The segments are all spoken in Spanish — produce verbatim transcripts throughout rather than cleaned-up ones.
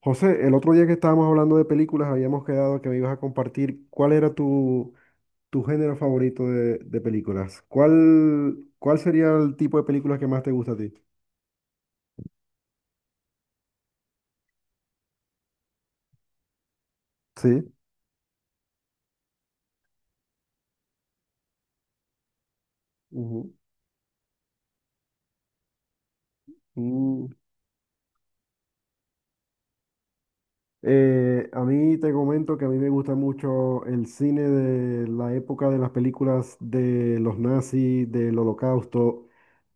José, el otro día que estábamos hablando de películas, habíamos quedado que me ibas a compartir cuál era tu, tu género favorito de, de películas. ¿Cuál, cuál sería el tipo de películas que más te gusta a ti? Sí. Ujú. Mm. Eh, a mí te comento que a mí me gusta mucho el cine de la época de las películas de los nazis, del holocausto,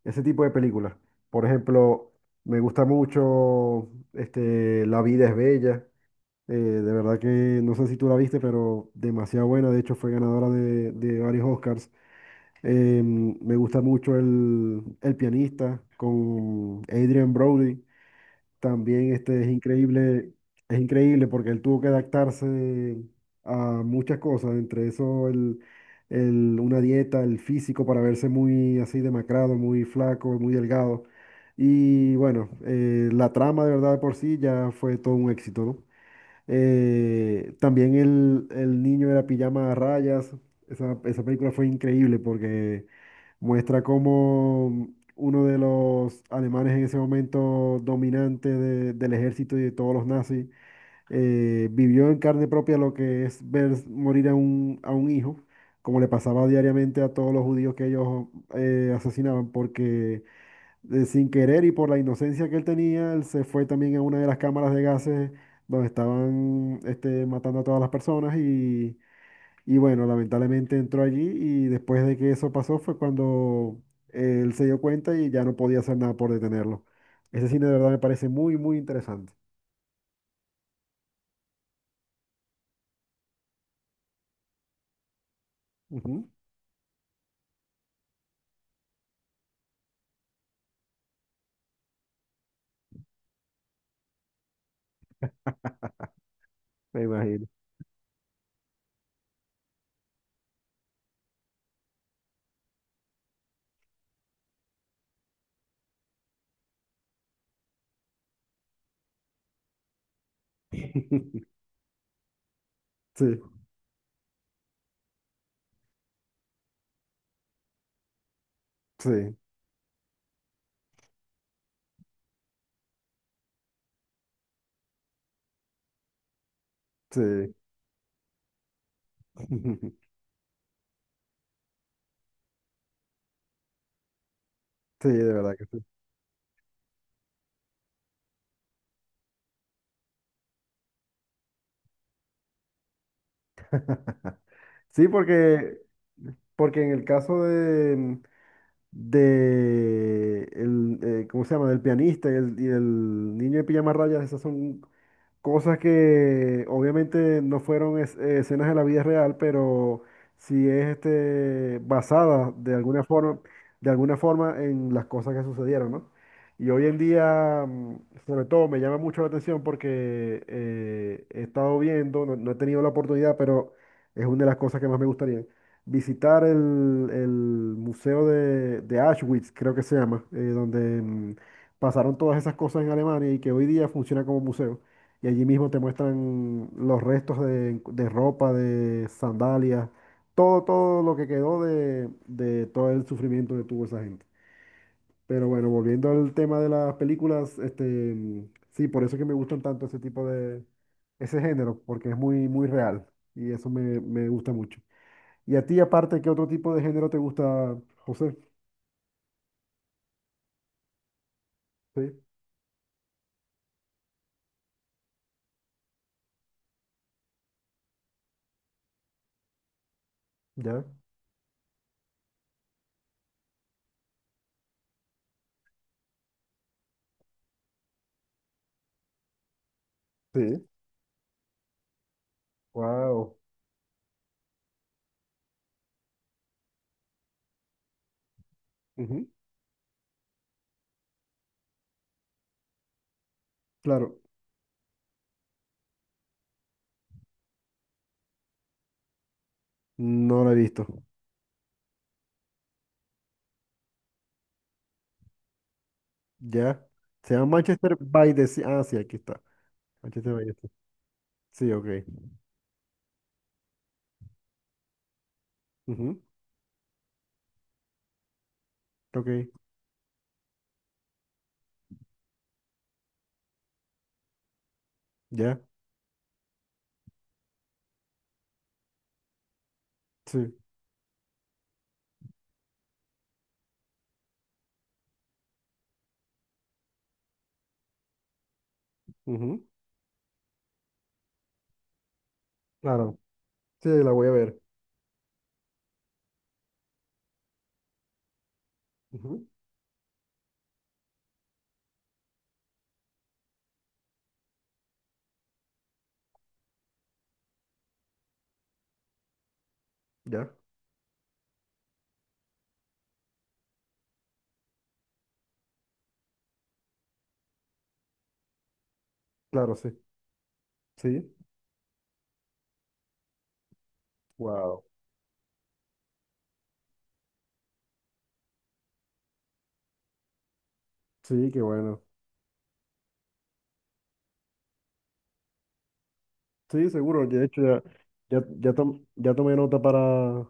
ese tipo de películas. Por ejemplo, me gusta mucho este, La vida es bella. Eh, de verdad que no sé si tú la viste, pero demasiado buena. De hecho, fue ganadora de, de varios Oscars. Eh, me gusta mucho el, el pianista con Adrian Brody. También este es increíble, es increíble porque él tuvo que adaptarse a muchas cosas, entre eso el, el- una dieta, el físico para verse muy así demacrado, muy flaco, muy delgado. Y bueno, eh, la trama de verdad de por sí ya fue todo un éxito, ¿no? Eh, también el, el niño de la pijama a rayas. Esa, esa película fue increíble porque muestra cómo uno de los alemanes en ese momento dominante de- del ejército y de todos los nazis eh, vivió en carne propia lo que es ver morir a un, a un hijo, como le pasaba diariamente a todos los judíos que ellos eh, asesinaban, porque eh, sin querer y por la inocencia que él tenía, él se fue también a una de las cámaras de gases donde estaban este, matando a todas las personas y, y bueno, lamentablemente entró allí y después de que eso pasó fue cuando él se dio cuenta y ya no podía hacer nada por detenerlo. Ese cine de verdad me parece muy, muy interesante. Ujú, me imagino. Sí, sí, sí, sí, de verdad que sí. Sí, porque, porque en el caso de, de el, eh, ¿cómo se llama? Del pianista y, el, y del niño de pijama rayas, esas son cosas que obviamente no fueron es- eh, escenas de la vida real, pero sí es este, basada de alguna forma, de alguna forma en las cosas que sucedieron, ¿no? Y hoy en día, mm, sobre todo, me llama mucho la atención porque eh, he estado viendo, no, no he tenido la oportunidad, pero es una de las cosas que más me gustaría, visitar el, el museo de, de Auschwitz, creo que se llama, eh, donde mm, pasaron todas esas cosas en Alemania y que hoy día funciona como museo. Y allí mismo te muestran los restos de, de ropa, de sandalias, todo, todo lo que quedó de, de todo el sufrimiento que tuvo esa gente. Pero bueno, volviendo al tema de las películas, este, sí, por eso es que me gustan tanto ese tipo de, ese género, porque es muy, muy real y eso me, me gusta mucho. Y a ti, aparte, ¿qué otro tipo de género te gusta, José? Sí, ya. Sí. Wow. Claro, no lo he visto. Ya. Se llama Manchester by the Sea. Ah, sí, aquí está. Manchester by the Sea. Sí, ok. Ujú. Ok. Ya. Sí. Ujú. Claro. Sí, la voy a ver. Ujú. Ya. Claro, sí. Sí. Wow. Sí, qué bueno. Sí, seguro. De hecho, ya, ya, ya, tom- ya tomé nota para,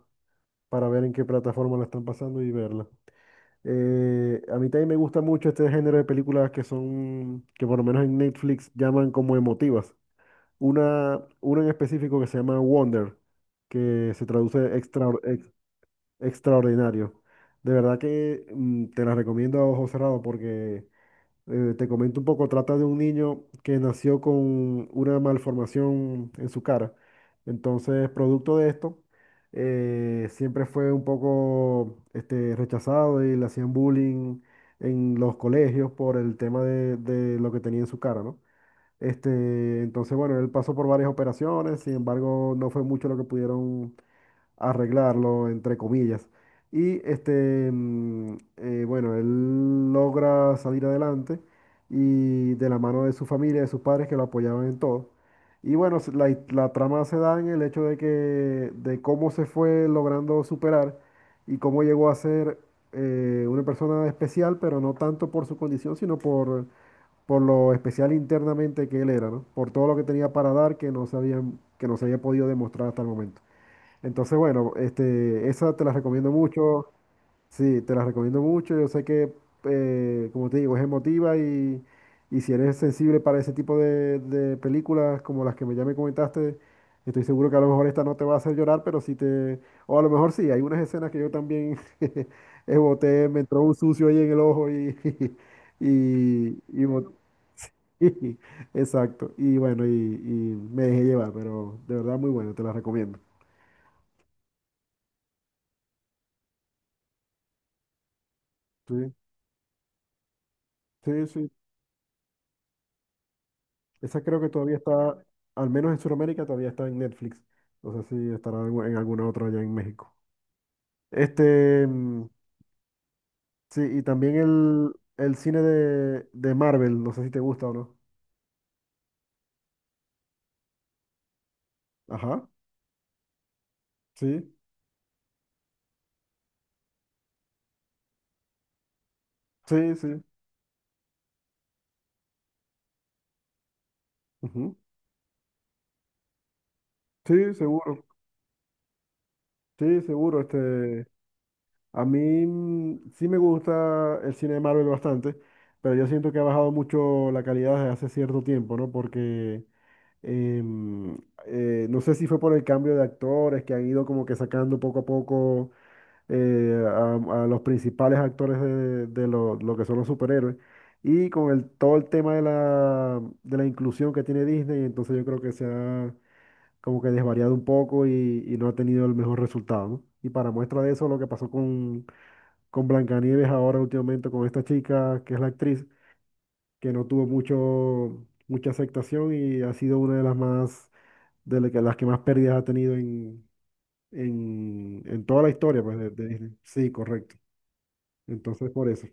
para ver en qué plataforma la están pasando y verla. Eh, a mí también me gusta mucho este género de películas que son, que por lo menos en Netflix llaman como emotivas. una, una en específico que se llama Wonder, que se traduce extra- ex- extraordinario. De verdad que mm, te la recomiendo a ojo cerrado porque eh, te comento un poco, trata de un niño que nació con una malformación en su cara. Entonces, producto de esto, eh, siempre fue un poco este, rechazado y le hacían bullying en los colegios por el tema de, de lo que tenía en su cara, ¿no? Este, entonces, bueno, él pasó por varias operaciones, sin embargo, no fue mucho lo que pudieron arreglarlo, entre comillas. Y este, mm, eh, bueno, él logra salir adelante y de la mano de su familia, de sus padres que lo apoyaban en todo. Y bueno, se- la, la trama se da en el hecho de que, de cómo se fue logrando superar y cómo llegó a ser eh, una persona especial, pero no tanto por su condición, sino por por lo especial internamente que él era, ¿no? Por todo lo que tenía para dar que no se habían- que no se había podido demostrar hasta el momento. Entonces, bueno, este, esa te la recomiendo mucho. Sí, te la recomiendo mucho. Yo sé que, eh, como te digo, es emotiva y, y si eres sensible para ese tipo de, de películas como las que me ya me comentaste, estoy seguro que a lo mejor esta no te va a hacer llorar, pero sí te... O a lo mejor sí, hay unas escenas que yo también boté, me entró un sucio ahí en el ojo y, y, y bot- Exacto. Y bueno, y, y me dejé llevar, pero de verdad muy bueno, te la recomiendo. Sí, sí, sí. Esa creo que todavía está, al menos en Sudamérica, todavía está en Netflix. No sé si estará en, en alguna otra allá en México. Este, mm, sí, y también el, el cine de, de Marvel, no sé si te gusta o no. Ajá, sí, sí, sí. Ujú. Sí, seguro, sí, seguro, este. A mí mm, sí me gusta el cine de Marvel bastante, pero yo siento que ha bajado mucho la calidad desde hace cierto tiempo, ¿no? Porque em, eh, no sé si fue por el cambio de actores que han ido como que sacando poco a poco eh, a, a los principales actores de, de lo, lo que son los superhéroes. Y con el, todo el tema de la, de la inclusión que tiene Disney, entonces yo creo que se ha como que desvariado un poco y, y no ha tenido el mejor resultado, ¿no? Y para muestra de eso, lo que pasó con con Blancanieves ahora últimamente con esta chica que es la actriz que no tuvo mucho mucha aceptación y ha sido una de las más de la que- las que más pérdidas ha tenido en en, en toda la historia pues de, de Disney. Sí, correcto. Entonces por eso.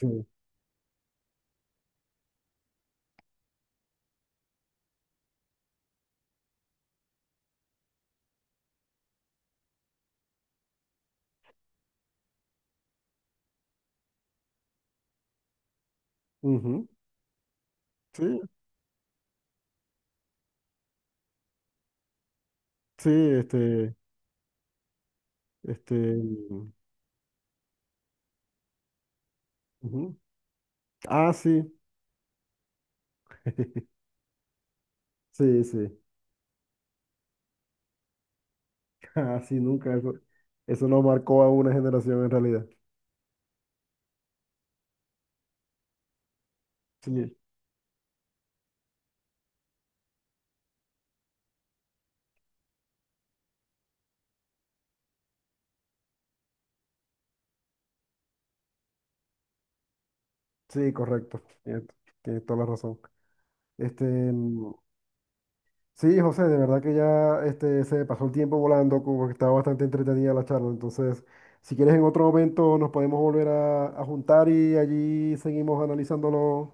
Sí. Ujú. Sí, sí, este este ujú. Ah, sí. Sí, Ah, sí. Así nunca eso eso no marcó a una generación en realidad. Sí, sí, correcto. Tienes, tienes toda la razón. Este, mm, sí, José, de verdad que ya este, se pasó el tiempo volando, como que estaba bastante entretenida la charla. Entonces, si quieres en otro momento nos podemos volver a, a juntar y allí seguimos analizando los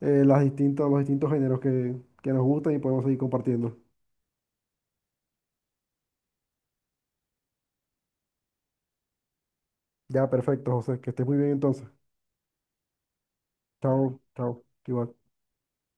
eh, las distintas, los distintos géneros que, que nos gustan y podemos seguir compartiendo. Ya, perfecto, José, que estés muy bien entonces. Chao, chao, igual.